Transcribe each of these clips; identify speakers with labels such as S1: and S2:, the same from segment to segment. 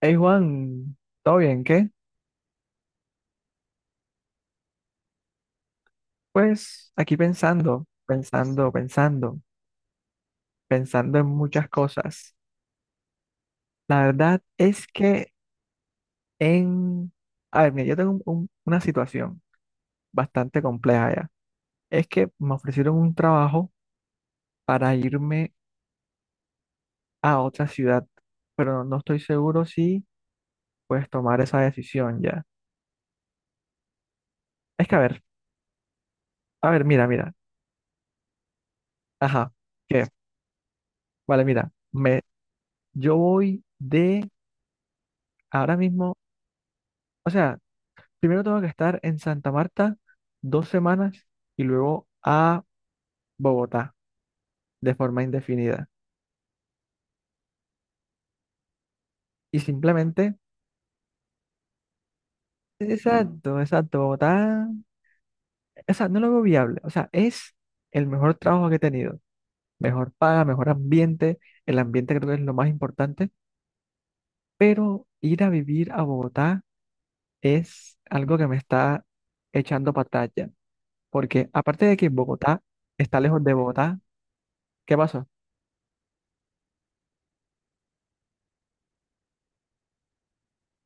S1: Hey Juan, ¿todo bien? ¿Qué? Pues aquí pensando, pensando, pensando, pensando en muchas cosas. La verdad es que en... A ver, mira, yo tengo una situación bastante compleja ya. Es que me ofrecieron un trabajo para irme a otra ciudad, pero no estoy seguro si puedes tomar esa decisión ya. Es que a ver, mira, mira. Ajá, ¿qué? Vale, mira, yo voy de ahora mismo, o sea... Primero tengo que estar en Santa Marta 2 semanas y luego a Bogotá de forma indefinida. Y simplemente, exacto, exacto, Bogotá, o sea, no lo veo viable. O sea, es el mejor trabajo que he tenido. Mejor paga, mejor ambiente. El ambiente creo que es lo más importante. Pero ir a vivir a Bogotá es algo que me está echando para atrás ya. Porque aparte de que Bogotá está lejos de Bogotá, ¿qué pasó?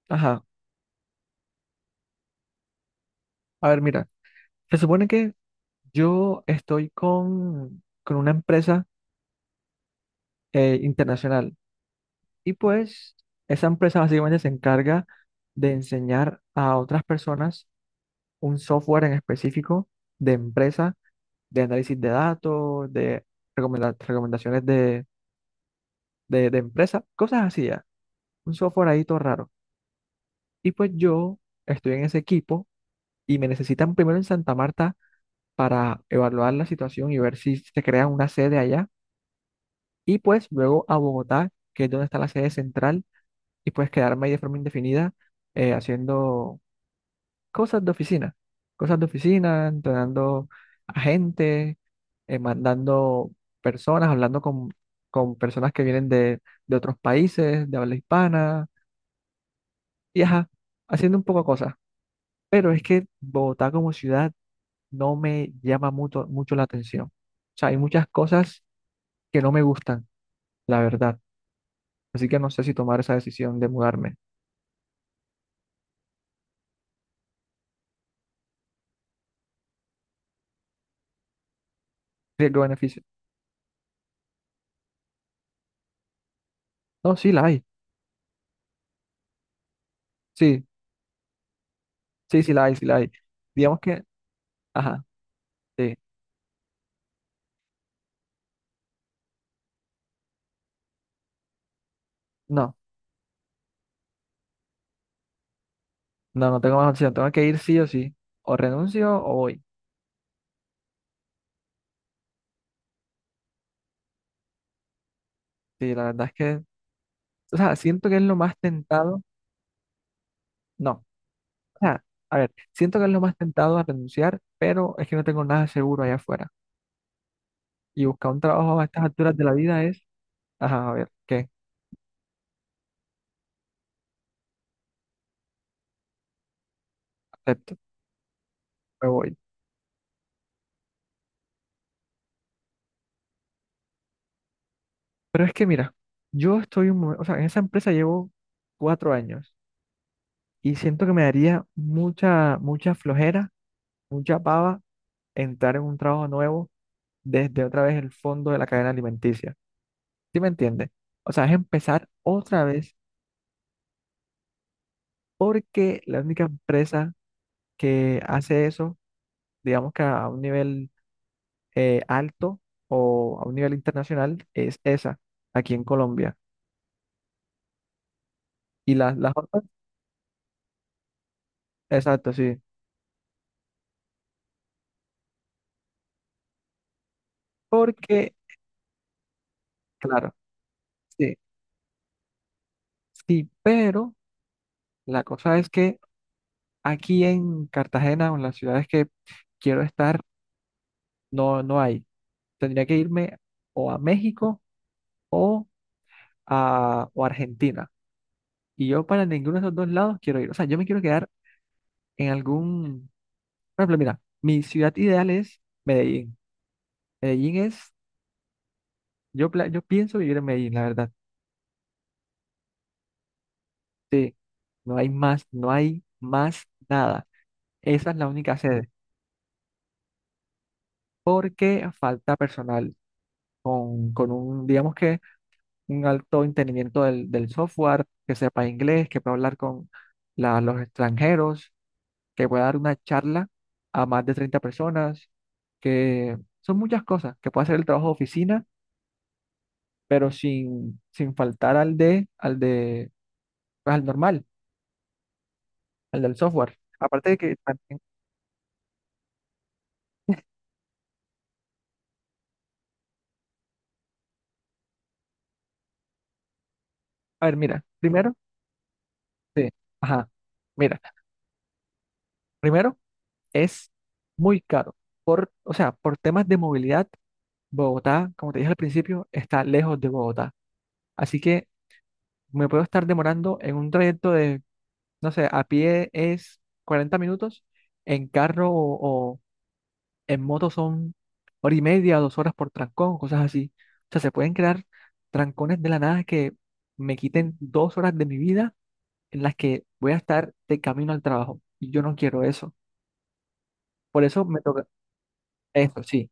S1: Ajá. A ver, mira. Se supone que yo estoy con una empresa internacional y pues esa empresa básicamente se encarga de enseñar a otras personas un software en específico de empresa, de análisis de datos, de recomendaciones de empresa, cosas así, ya. Un software ahí todo raro. Y pues yo estoy en ese equipo y me necesitan primero en Santa Marta para evaluar la situación y ver si se crea una sede allá y pues luego a Bogotá, que es donde está la sede central, y pues quedarme ahí de forma indefinida haciendo cosas de oficina, cosas de oficina, entrenando a gente, mandando personas, hablando con personas que vienen de otros países, de habla hispana, y ajá, haciendo un poco cosas. Pero es que Bogotá como ciudad no me llama mucho, mucho la atención. O sea, hay muchas cosas que no me gustan, la verdad. Así que no sé si tomar esa decisión de mudarme. Riesgo-beneficio. No, sí la hay. Sí, sí, sí la hay, sí la hay. Digamos que, ajá, sí. No, no, no tengo más opción. Tengo que ir sí o sí. O renuncio o voy. Sí, la verdad es que, o sea, siento que es lo más tentado. No, o sea, a ver, siento que es lo más tentado a renunciar, pero es que no tengo nada seguro allá afuera. Y buscar un trabajo a estas alturas de la vida es, ajá, a ver, ¿qué? Acepto, me voy. Pero es que mira, yo estoy un momento, o sea, en esa empresa llevo 4 años y siento que me daría mucha, mucha flojera mucha pava entrar en un trabajo nuevo desde otra vez el fondo de la cadena alimenticia. ¿Sí me entiendes? O sea, es empezar otra vez porque la única empresa que hace eso, digamos que a un nivel alto o a un nivel internacional, es esa, aquí en Colombia. Y las otras, exacto, sí. Porque, claro, sí, sí, pero la cosa es que aquí en Cartagena o en las ciudades que quiero estar, no, no hay. Tendría que irme o a México o a Argentina. Y yo para ninguno de esos dos lados quiero ir. O sea, yo me quiero quedar en algún... Por ejemplo, mira, mi ciudad ideal es Medellín. Medellín es... Yo pienso vivir en Medellín, la verdad. Sí, no hay más, no hay más nada. Esa es la única sede. Porque falta personal con un, digamos que, un alto entendimiento del software, que sepa inglés, que pueda hablar con los extranjeros que pueda dar una charla a más de 30 personas, que son muchas cosas, que pueda hacer el trabajo de oficina, pero sin faltar al de, pues, al normal, al del software. Aparte de que también, a ver, mira, primero, sí, ajá, mira, primero es muy caro. O sea, por temas de movilidad, Bogotá, como te dije al principio, está lejos de Bogotá. Así que me puedo estar demorando en un trayecto de no sé, a pie es 40 minutos, en carro o en moto son hora y media, 2 horas por trancón, cosas así. O sea, se pueden crear trancones de la nada que me quiten 2 horas de mi vida en las que voy a estar de camino al trabajo. Y yo no quiero eso. Por eso me toca eso, sí,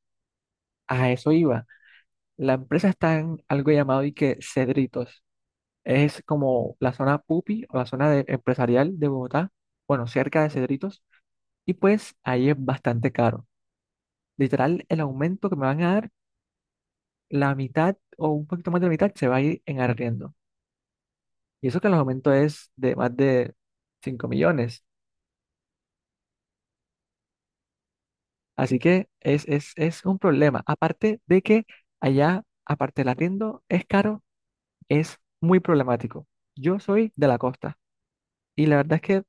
S1: a eso iba. La empresa está en algo llamado y que Cedritos. Es como la zona pupi o la zona empresarial de Bogotá, bueno, cerca de Cedritos. Y pues ahí es bastante caro. Literal, el aumento que me van a dar, la mitad o un poquito más de la mitad se va a ir en arriendo. Y eso que el aumento es de más de 5 millones. Así que es un problema. Aparte de que allá, aparte del arriendo, es caro, es muy problemático. Yo soy de la costa y la verdad es que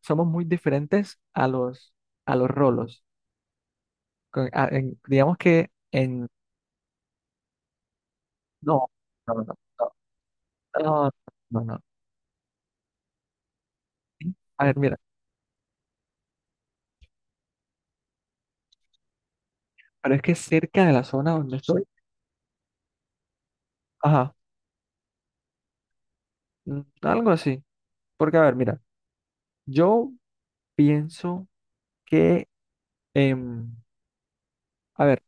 S1: somos muy diferentes a los, rolos. Digamos que en... No, no, no, no, no, no, no. No. A ver, mira. Pero es que cerca de la zona donde estoy, ajá, algo así. Porque, a ver, mira, yo pienso que, em, a ver,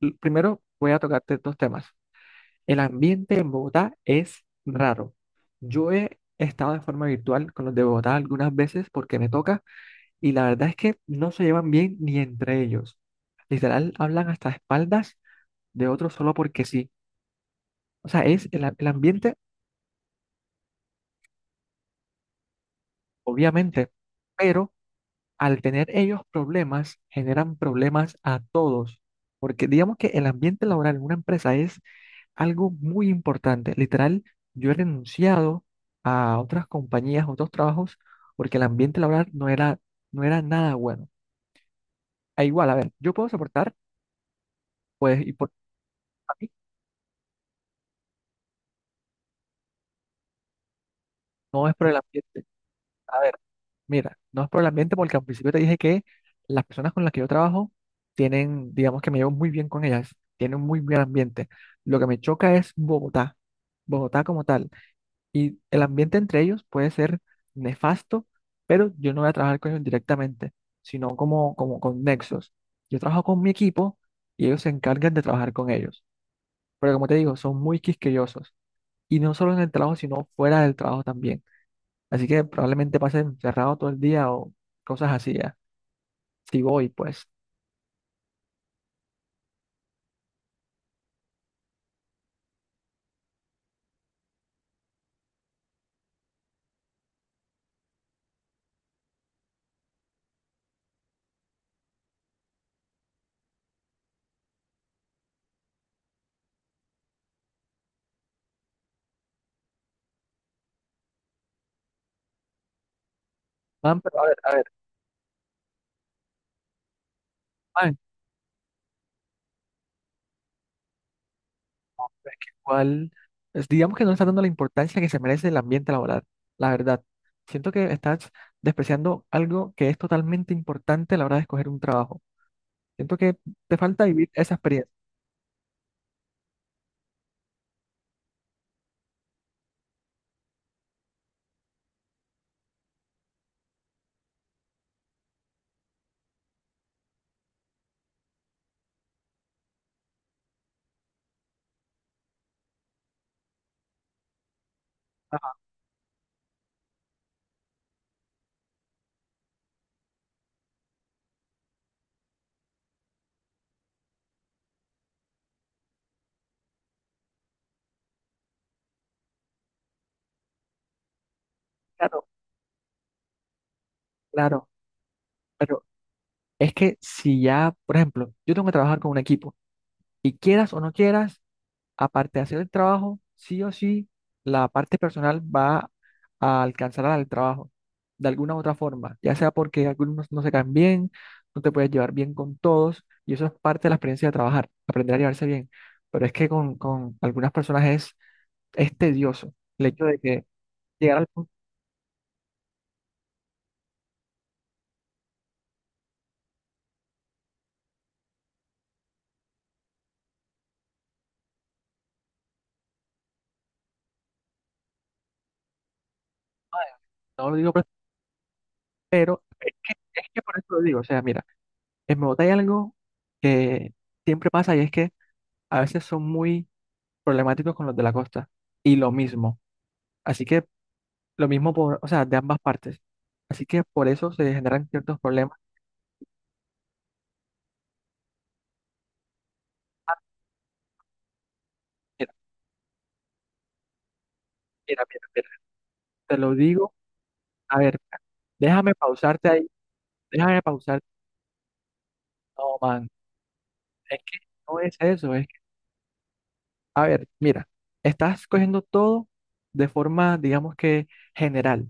S1: primero voy a tocarte dos temas. El ambiente en Bogotá es raro. Yo he estado de forma virtual con los de Bogotá algunas veces porque me toca y la verdad es que no se llevan bien ni entre ellos. Literal, hablan hasta espaldas de otros solo porque sí. O sea, es el ambiente, obviamente, pero al tener ellos problemas, generan problemas a todos. Porque digamos que el ambiente laboral en una empresa es algo muy importante. Literal, yo he renunciado a otras compañías, a otros trabajos, porque el ambiente laboral no era, no era nada bueno. A igual, a ver, yo puedo soportar, pues, y por a mí no es por el ambiente. Mira, no es por el ambiente porque al principio te dije que las personas con las que yo trabajo tienen, digamos que me llevo muy bien con ellas, tienen un muy buen ambiente. Lo que me choca es Bogotá, Bogotá como tal. Y el ambiente entre ellos puede ser nefasto, pero yo no voy a trabajar con ellos directamente, sino como con nexos. Yo trabajo con mi equipo y ellos se encargan de trabajar con ellos. Pero como te digo, son muy quisquillosos. Y no solo en el trabajo, sino fuera del trabajo también. Así que probablemente pase encerrado todo el día o cosas así ya. Si voy, pues. Man, pero a ver, man, ¿cuál? Digamos que no le estás dando la importancia que se merece el ambiente laboral, la verdad. Siento que estás despreciando algo que es totalmente importante a la hora de escoger un trabajo. Siento que te falta vivir esa experiencia. Claro, claro, pero es que si ya, por ejemplo, yo tengo que trabajar con un equipo y quieras o no quieras, aparte de hacer el trabajo, sí o sí, la parte personal va a alcanzar al trabajo, de alguna u otra forma, ya sea porque algunos no se caen bien, no te puedes llevar bien con todos, y eso es parte de la experiencia de trabajar, aprender a llevarse bien. Pero es que con algunas personas es tedioso el hecho de que llegar al punto, no lo digo, pero es que por eso lo digo, o sea, mira, en Bogotá hay algo que siempre pasa y es que a veces son muy problemáticos con los de la costa, y lo mismo. Así que lo mismo por, o sea, de ambas partes. Así que por eso se generan ciertos problemas. Ah, mira, mira, mira, mira. Te lo digo. A ver, déjame pausarte ahí. Déjame pausarte. No, man. Es que no es eso. A ver, mira, estás cogiendo todo de forma, digamos que general.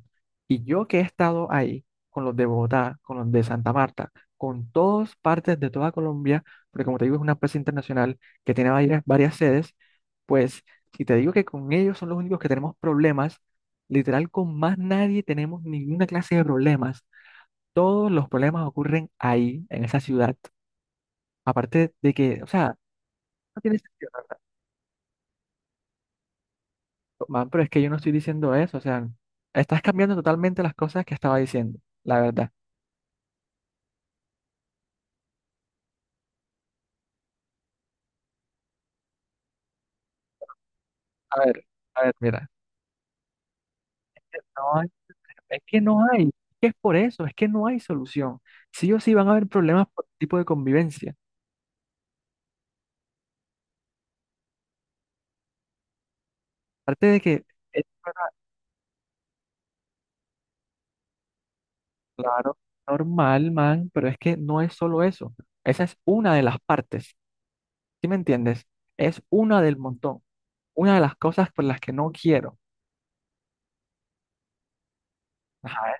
S1: Y yo que he estado ahí con los de Bogotá, con los de Santa Marta, con todas partes de toda Colombia, porque como te digo, es una empresa internacional que tiene varias, varias sedes, pues si te digo que con ellos son los únicos que tenemos problemas, literal con más nadie tenemos ninguna clase de problemas. Todos los problemas ocurren ahí, en esa ciudad. Aparte de que, o sea, no tiene sentido. ¿No? Man, pero es que yo no estoy diciendo eso, o sea, estás cambiando totalmente las cosas que estaba diciendo, la verdad. A ver, a ver, mira, no hay- es que no hay, es que es por eso, es que no hay solución. Sí o sí van a haber problemas por tipo de convivencia. Aparte de que, es claro, normal, man, pero es que no es solo eso. Esa es una de las partes, ¿sí me entiendes? Es una del montón, una de las cosas por las que no quiero. Ajá,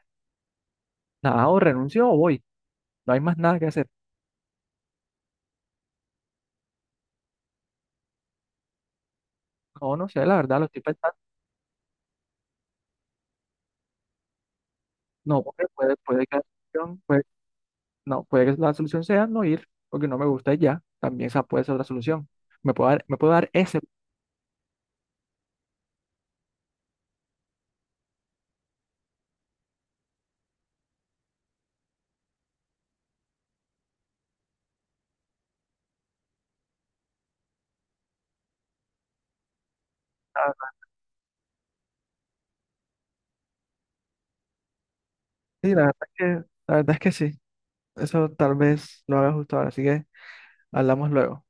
S1: nada, o renuncio o voy, no hay más nada que hacer. No, no sé, la verdad, lo estoy pensando. No, porque puede que la solución, pues, no, puede que la solución sea no ir, porque no me gusta y ya. También esa puede ser la solución. Me puedo dar ese. Ah, sí, la verdad es que, la verdad es que sí. Eso tal vez lo haga justo ahora, así que hablamos luego.